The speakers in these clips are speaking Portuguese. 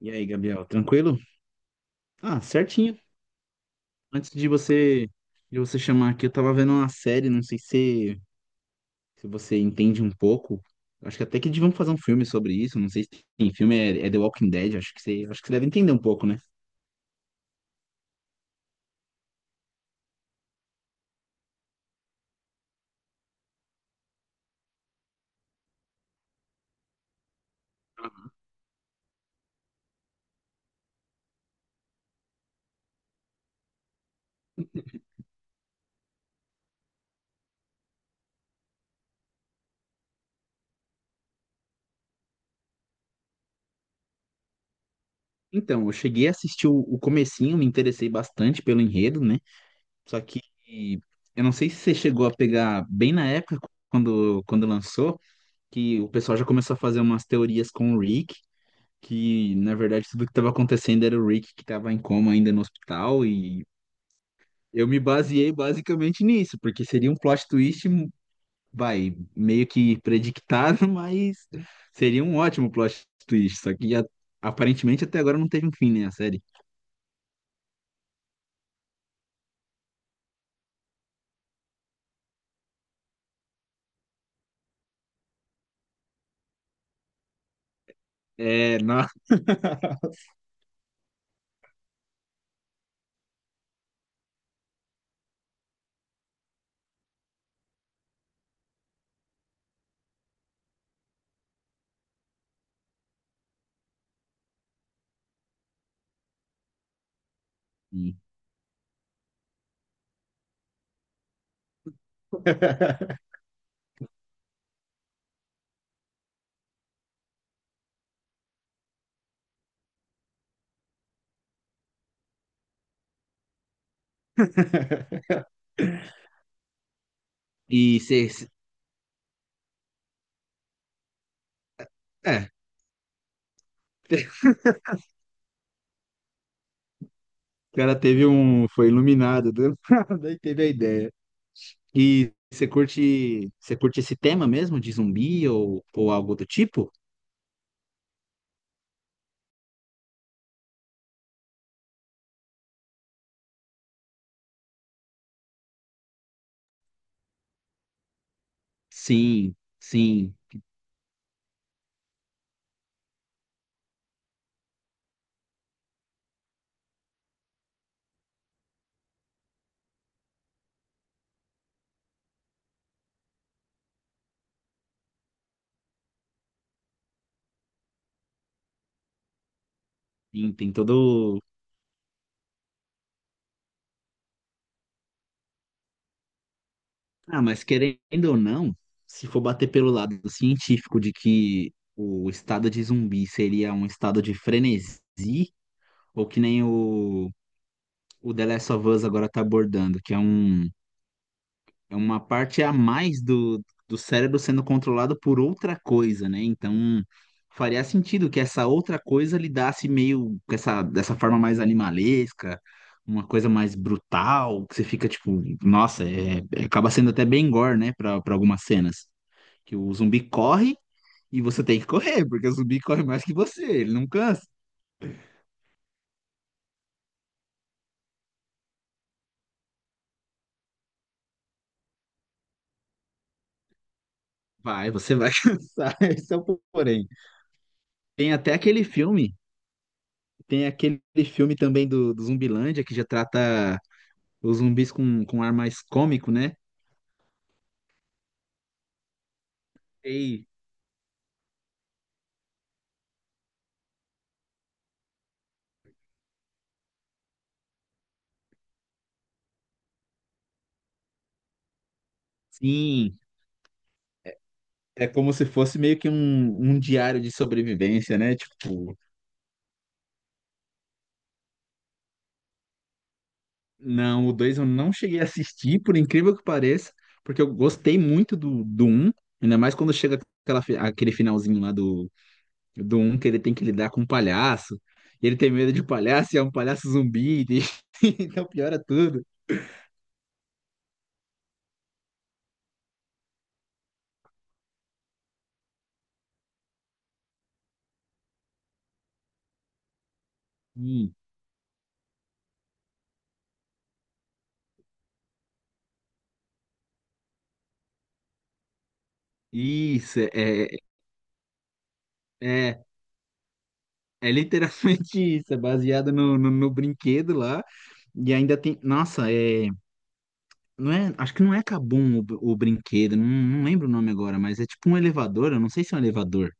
E aí, Gabriel, tranquilo? Ah, certinho. Antes de você chamar aqui, eu tava vendo uma série, não sei se você entende um pouco. Acho que até que deviam fazer um filme sobre isso, não sei se tem filme, é The Walking Dead, acho que você deve entender um pouco, né? Então, eu cheguei a assistir o comecinho, me interessei bastante pelo enredo, né? Só que eu não sei se você chegou a pegar bem na época, quando lançou, que o pessoal já começou a fazer umas teorias com o Rick, que na verdade tudo que estava acontecendo era o Rick que estava em coma ainda no hospital e eu me baseei basicamente nisso, porque seria um plot twist, vai, meio que predictado, mas seria um ótimo plot twist, só que aparentemente até agora não teve um fim, né, a série. É, nossa. E se, se- é, o cara teve um, foi iluminado do nada e teve a ideia. E você curte esse tema mesmo de zumbi ou algo do tipo? Sim, sim, sim, tem todo. Ah, mas querendo ou não, se for bater pelo lado científico de que o estado de zumbi seria um estado de frenesi, ou que nem o The Last of Us agora tá abordando, que é um. É uma parte a mais do cérebro sendo controlado por outra coisa, né? Então, faria sentido que essa outra coisa lidasse meio com essa, dessa forma mais animalesca, uma coisa mais brutal, que você fica tipo, nossa, acaba sendo até bem gore, né, para algumas cenas. Que o zumbi corre e você tem que correr, porque o zumbi corre mais que você, ele não cansa. Vai, você vai cansar, esse é o porém. Tem até aquele filme, tem aquele filme também do Zumbilândia que já trata os zumbis com ar mais cômico, né? Ei, sim. É como se fosse meio que um diário de sobrevivência, né? Tipo, não, o dois eu não cheguei a assistir, por incrível que pareça, porque eu gostei muito do um ainda mais quando chega aquele finalzinho lá do um que ele tem que lidar com um palhaço, e ele tem medo de palhaço, e é um palhaço zumbi, então piora tudo. Hum. Isso, é, é, é. É literalmente isso, é baseada no brinquedo lá. E ainda tem. Nossa, é. Não é, acho que não é Kabum o brinquedo, não, não lembro o nome agora, mas é tipo um elevador, eu não sei se é um elevador.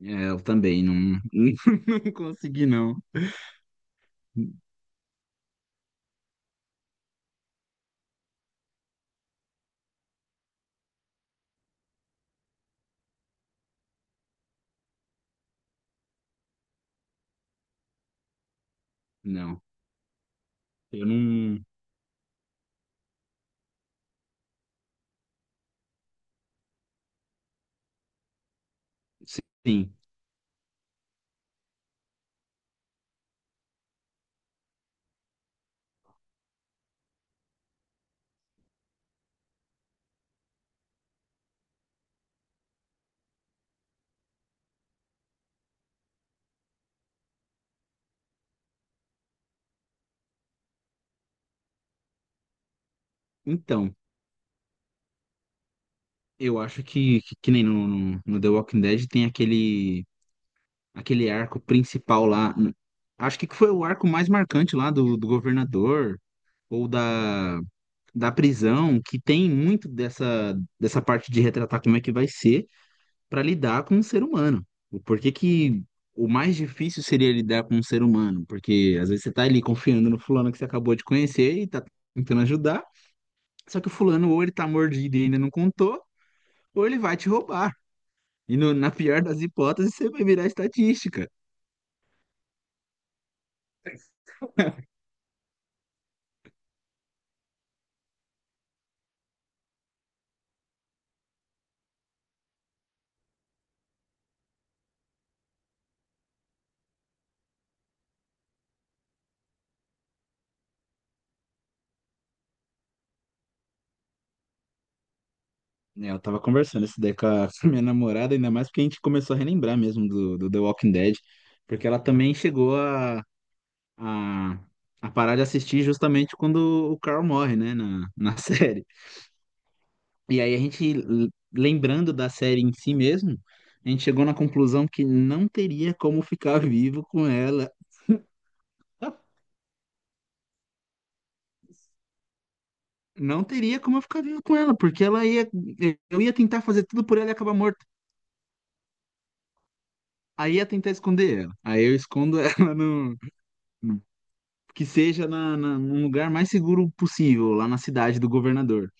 É, eu também não, não consegui, não. Não, eu não. Sim. Então, eu acho que nem no The Walking Dead tem aquele, aquele arco principal lá. Acho que foi o arco mais marcante lá do governador, ou da prisão, que tem muito dessa, dessa parte de retratar como é que vai ser para lidar com um ser humano. O porquê que o mais difícil seria lidar com um ser humano? Porque às vezes você tá ali confiando no fulano que você acabou de conhecer e tá tentando ajudar, só que o fulano ou ele tá mordido e ainda não contou, ou ele vai te roubar. E na pior das hipóteses, você vai virar estatística. É, eu tava conversando isso daí com a com a minha namorada, ainda mais porque a gente começou a relembrar mesmo do The Walking Dead, porque ela também chegou a, a parar de assistir justamente quando o Carl morre, né, na série. E aí a gente, lembrando da série em si mesmo, a gente chegou na conclusão que não teria como ficar vivo com ela. Não teria como eu ficar vivo com ela, porque ela ia. Eu ia tentar fazer tudo por ela e acabar morto. Aí ia tentar esconder ela. Aí eu escondo ela no. Que seja num lugar mais seguro possível, lá na cidade do governador.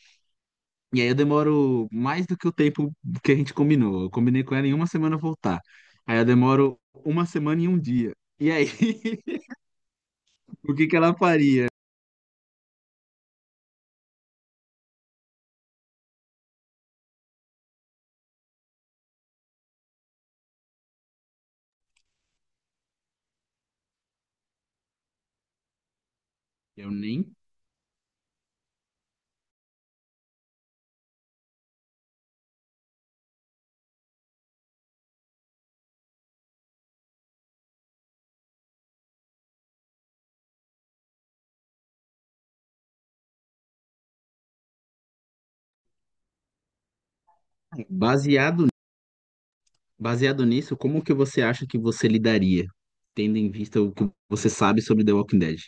E aí eu demoro mais do que o tempo que a gente combinou. Eu combinei com ela em uma semana voltar. Aí eu demoro uma semana e um dia. E aí, o que que ela faria? Eu nem. Baseado, baseado nisso, como que você acha que você lidaria, tendo em vista o que você sabe sobre The Walking Dead?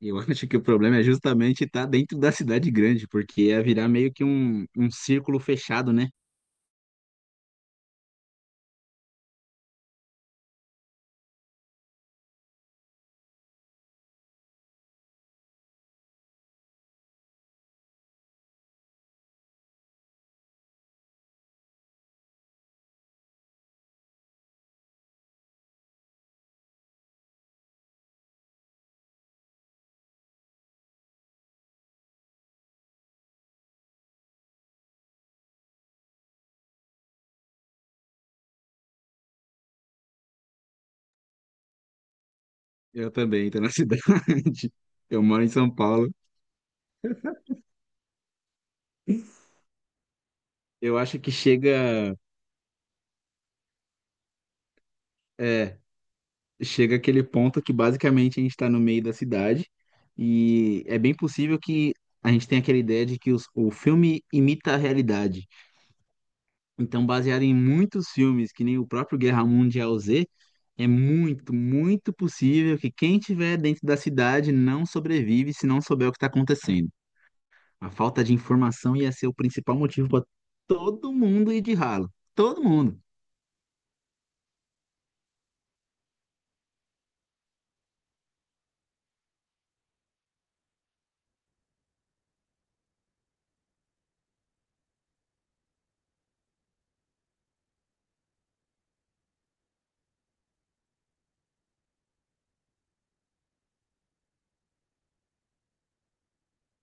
Eu acho que o problema é justamente estar dentro da cidade grande, porque ia virar meio que um círculo fechado, né? Eu também estou na cidade. Eu moro em São Paulo. Eu acho que chega. É chega aquele ponto que basicamente a gente está no meio da cidade e é bem possível que a gente tenha aquela ideia de que o filme imita a realidade. Então, baseado em muitos filmes, que nem o próprio Guerra Mundial Z, é muito, muito possível que quem estiver dentro da cidade não sobrevive se não souber o que está acontecendo. A falta de informação ia ser o principal motivo para todo mundo ir de ralo. Todo mundo.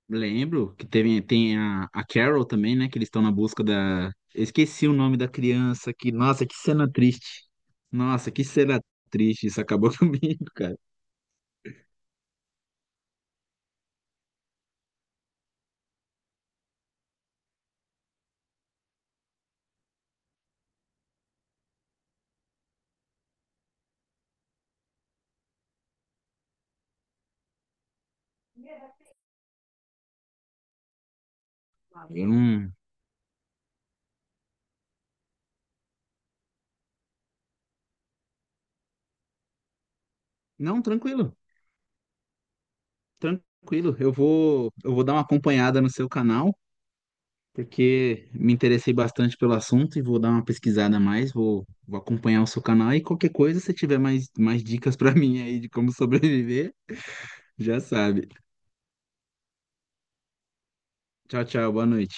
Lembro que teve, tem a Carol também, né? Que eles estão na busca da. Eu esqueci o nome da criança que. Nossa, que cena triste. Nossa, que cena triste. Isso acabou comigo, cara. Eu não. Não, tranquilo. Tranquilo. Eu vou dar uma acompanhada no seu canal, porque me interessei bastante pelo assunto e vou dar uma pesquisada a mais. Vou acompanhar o seu canal e qualquer coisa, se tiver mais, mais dicas pra mim aí de como sobreviver, já sabe. Tchau, tchau. Boa noite.